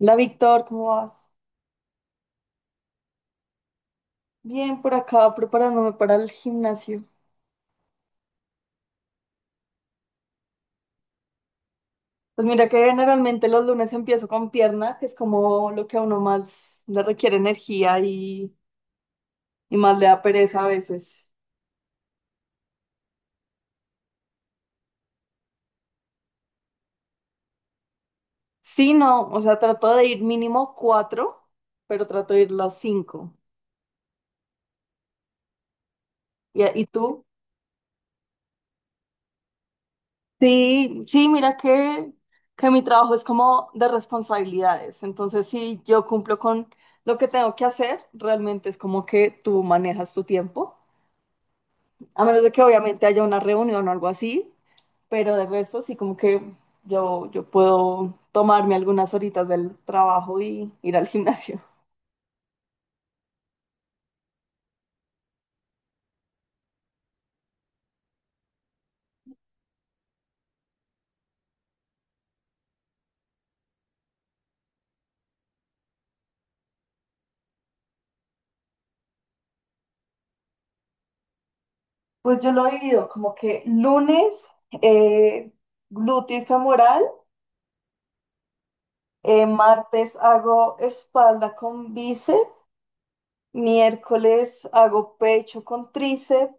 Hola Víctor, ¿cómo vas? Bien, por acá preparándome para el gimnasio. Pues mira que generalmente los lunes empiezo con pierna, que es como lo que a uno más le requiere energía y más le da pereza a veces. Sí, no, o sea, trato de ir mínimo cuatro, pero trato de ir las cinco. ¿Y tú? Sí, sí, mira que mi trabajo es como de responsabilidades. Entonces, si yo cumplo con lo que tengo que hacer, realmente es como que tú manejas tu tiempo. A menos de que obviamente haya una reunión o algo así, pero de resto sí como que yo puedo tomarme algunas horitas del trabajo y ir al gimnasio. Pues yo lo he dividido como que lunes eh, glúteo y femoral, martes hago espalda con bíceps, miércoles hago pecho con tríceps,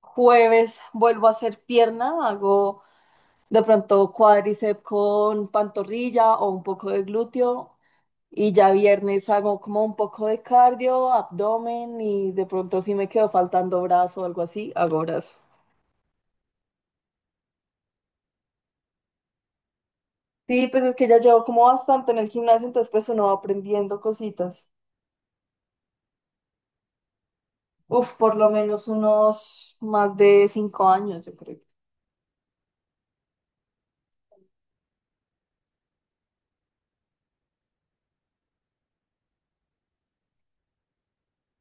jueves vuelvo a hacer pierna, hago de pronto cuádriceps con pantorrilla o un poco de glúteo. Y ya viernes hago como un poco de cardio, abdomen y de pronto si me quedo faltando brazo o algo así, hago brazo. Sí, pues es que ya llevo como bastante en el gimnasio, entonces pues uno va aprendiendo cositas. Uf, por lo menos unos más de 5 años, yo creo.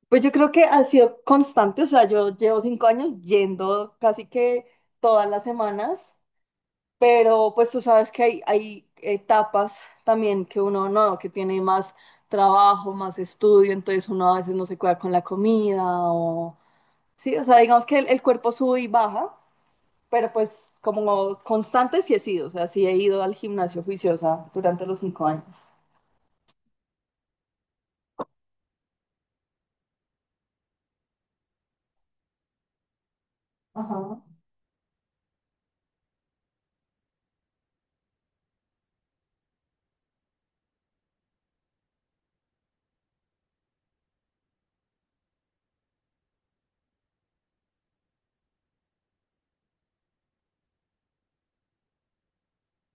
Pues yo creo que ha sido constante, o sea, yo llevo 5 años yendo casi que todas las semanas. Pero pues tú sabes que hay etapas también que uno no, que tiene más trabajo, más estudio, entonces uno a veces no se cuida con la comida Sí, o sea, digamos que el cuerpo sube y baja, pero pues como constante sí he sido, o sea, sí he ido al gimnasio juiciosa durante los 5 años. Ajá.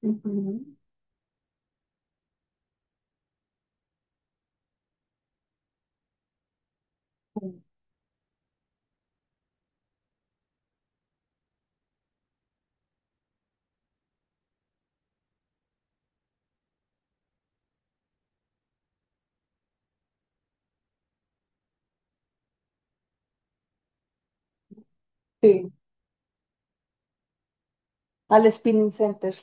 Ujú. Sí, al Spinning Center.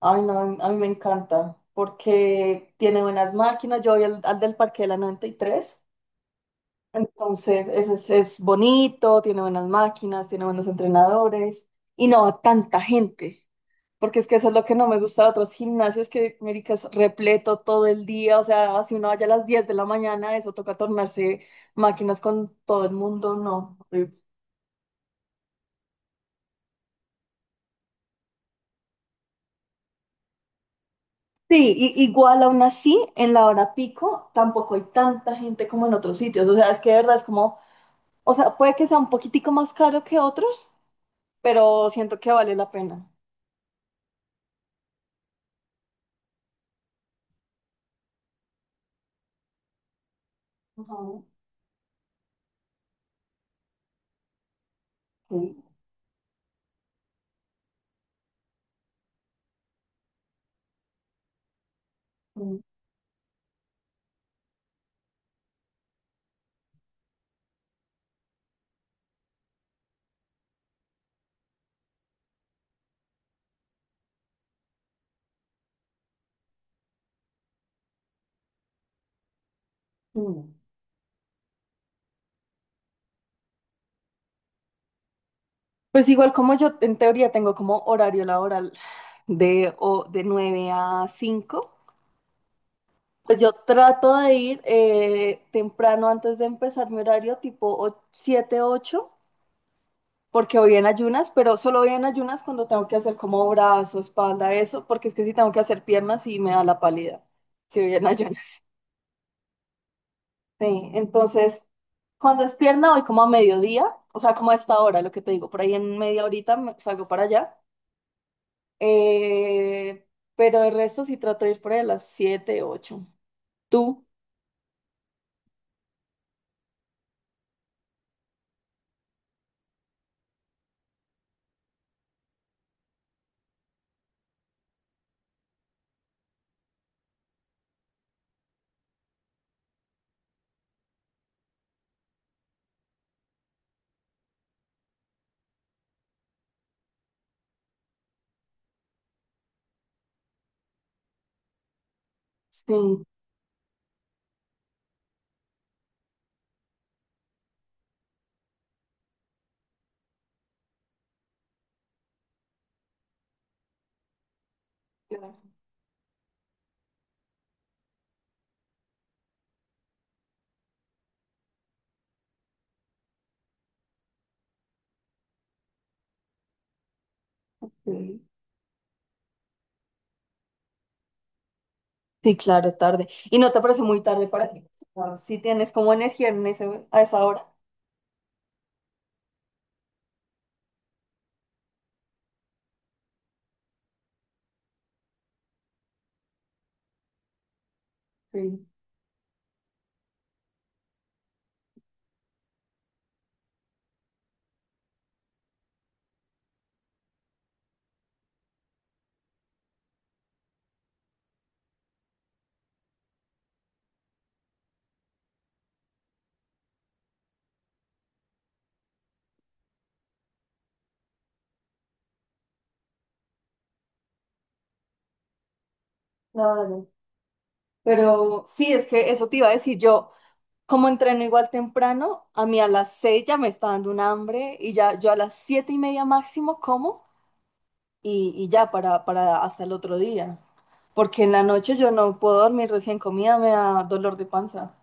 Ay, no, a mí me encanta porque tiene buenas máquinas. Yo voy al del Parque de la 93. Entonces, es bonito, tiene buenas máquinas, tiene buenos entrenadores y no a tanta gente, porque es que eso es lo que no me gusta de otros gimnasios, que América es repleto todo el día, o sea, si uno vaya a las 10 de la mañana, eso toca tornarse máquinas con todo el mundo, no, horrible. Sí, igual aún así, en la hora pico tampoco hay tanta gente como en otros sitios, o sea, es que de verdad es como, o sea, puede que sea un poquitico más caro que otros, pero siento que vale la pena. Ajá, sí. Sí. Mm. Pues igual como yo en teoría tengo como horario laboral de 9 a 5. Pues yo trato de ir temprano antes de empezar mi horario, tipo 7, 8, porque voy en ayunas, pero solo voy en ayunas cuando tengo que hacer como brazo, espalda, eso, porque es que si tengo que hacer piernas sí me da la pálida, si voy en ayunas. Sí, entonces cuando es pierna voy como a mediodía, o sea, como a esta hora, lo que te digo, por ahí en media horita salgo para allá. Eh, pero el resto sí trato de ir por ahí a las 7, 8. ¿Tú? Sí, claro. Sí, sí, claro, tarde. ¿Y no te parece muy tarde para ti? Si tienes como energía a esa hora. Sí, claro. Pero sí, es que eso te iba a decir yo. Como entreno igual temprano, a mí a las 6 ya me está dando un hambre y ya yo a las 7:30 máximo como y ya para hasta el otro día. Porque en la noche yo no puedo dormir recién comida, me da dolor de panza.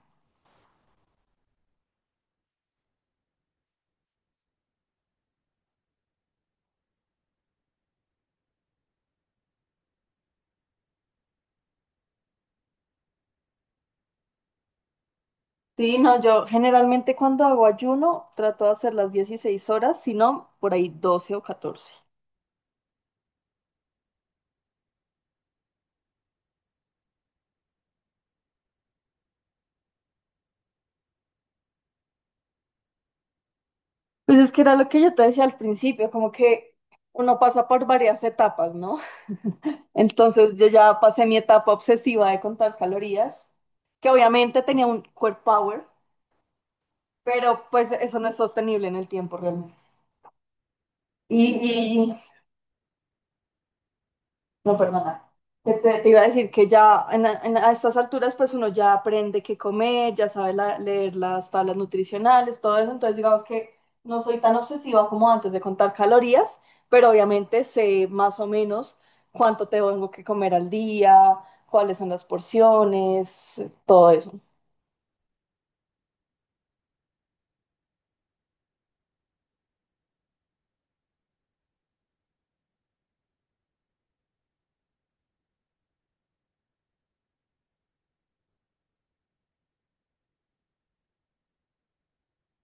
Sí, no, yo generalmente cuando hago ayuno trato de hacer las 16 horas, si no, por ahí 12 o 14. Pues es que era lo que yo te decía al principio, como que uno pasa por varias etapas, ¿no? Entonces yo ya pasé mi etapa obsesiva de contar calorías, que obviamente tenía un core power, pero pues eso no es sostenible en el tiempo realmente. Y, No, perdona. Que te iba a decir que ya a estas alturas pues uno ya aprende qué comer, ya sabe leer las tablas nutricionales, todo eso, entonces digamos que no soy tan obsesiva como antes de contar calorías, pero obviamente sé más o menos cuánto tengo que comer al día, cuáles son las porciones, todo eso.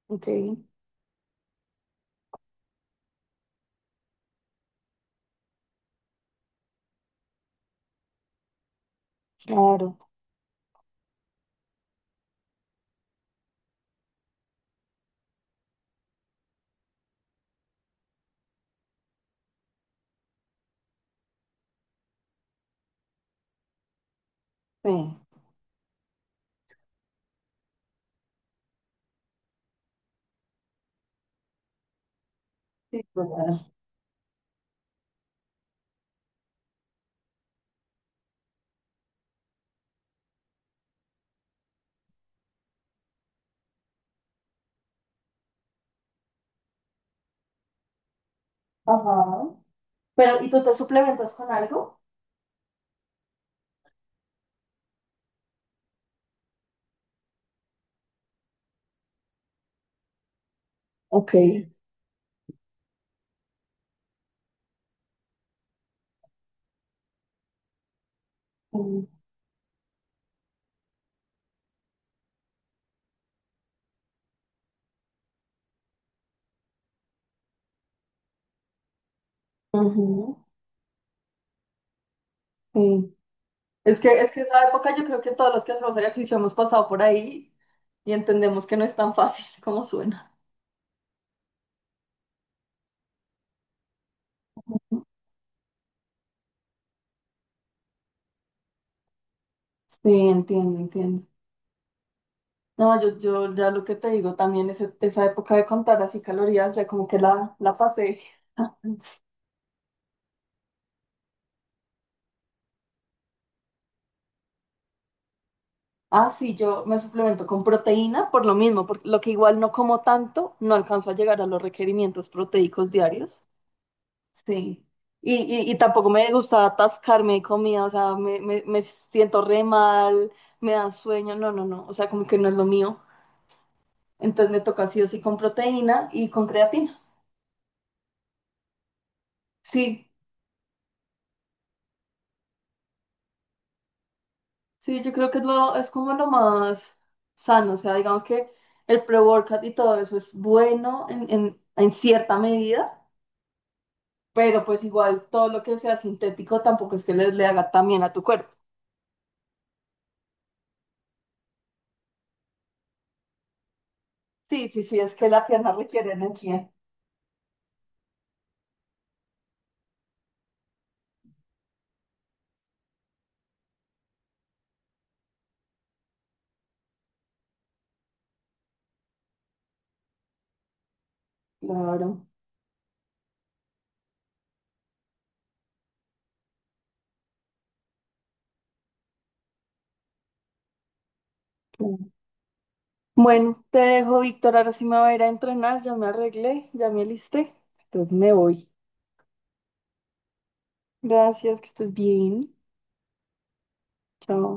Ok, claro. Sí. Sí, claro. Ajá. Pero, ¿y tú te suplementas con algo? Ok. Mm. Ujú. Sí. Es que esa época yo creo que todos los que hacemos ejercicio hemos pasado por ahí y entendemos que no es tan fácil como suena. Sí, entiendo, entiendo. No, yo ya lo que te digo, también esa época de contar así calorías, ya como que la pasé. Ah, sí, yo me suplemento con proteína por lo mismo, por lo que igual no como tanto, no alcanzo a llegar a los requerimientos proteicos diarios. Sí. Y, y tampoco me gusta atascarme de comida, o sea, me siento re mal, me da sueño, no, no, no, o sea, como que no es lo mío. Entonces me toca sí o sí con proteína y con creatina. Sí, sí, yo creo que es como lo más sano, o sea, digamos que el pre-workout y todo eso es bueno en cierta medida, pero pues igual todo lo que sea sintético tampoco es que le haga tan bien a tu cuerpo. Sí, sí, sí, es que la pierna requiere energía. Claro. Bueno, te dejo, Víctor. Ahora sí me voy a ir a entrenar. Ya me arreglé, ya me alisté. Entonces me voy. Gracias, que estés bien. Chao.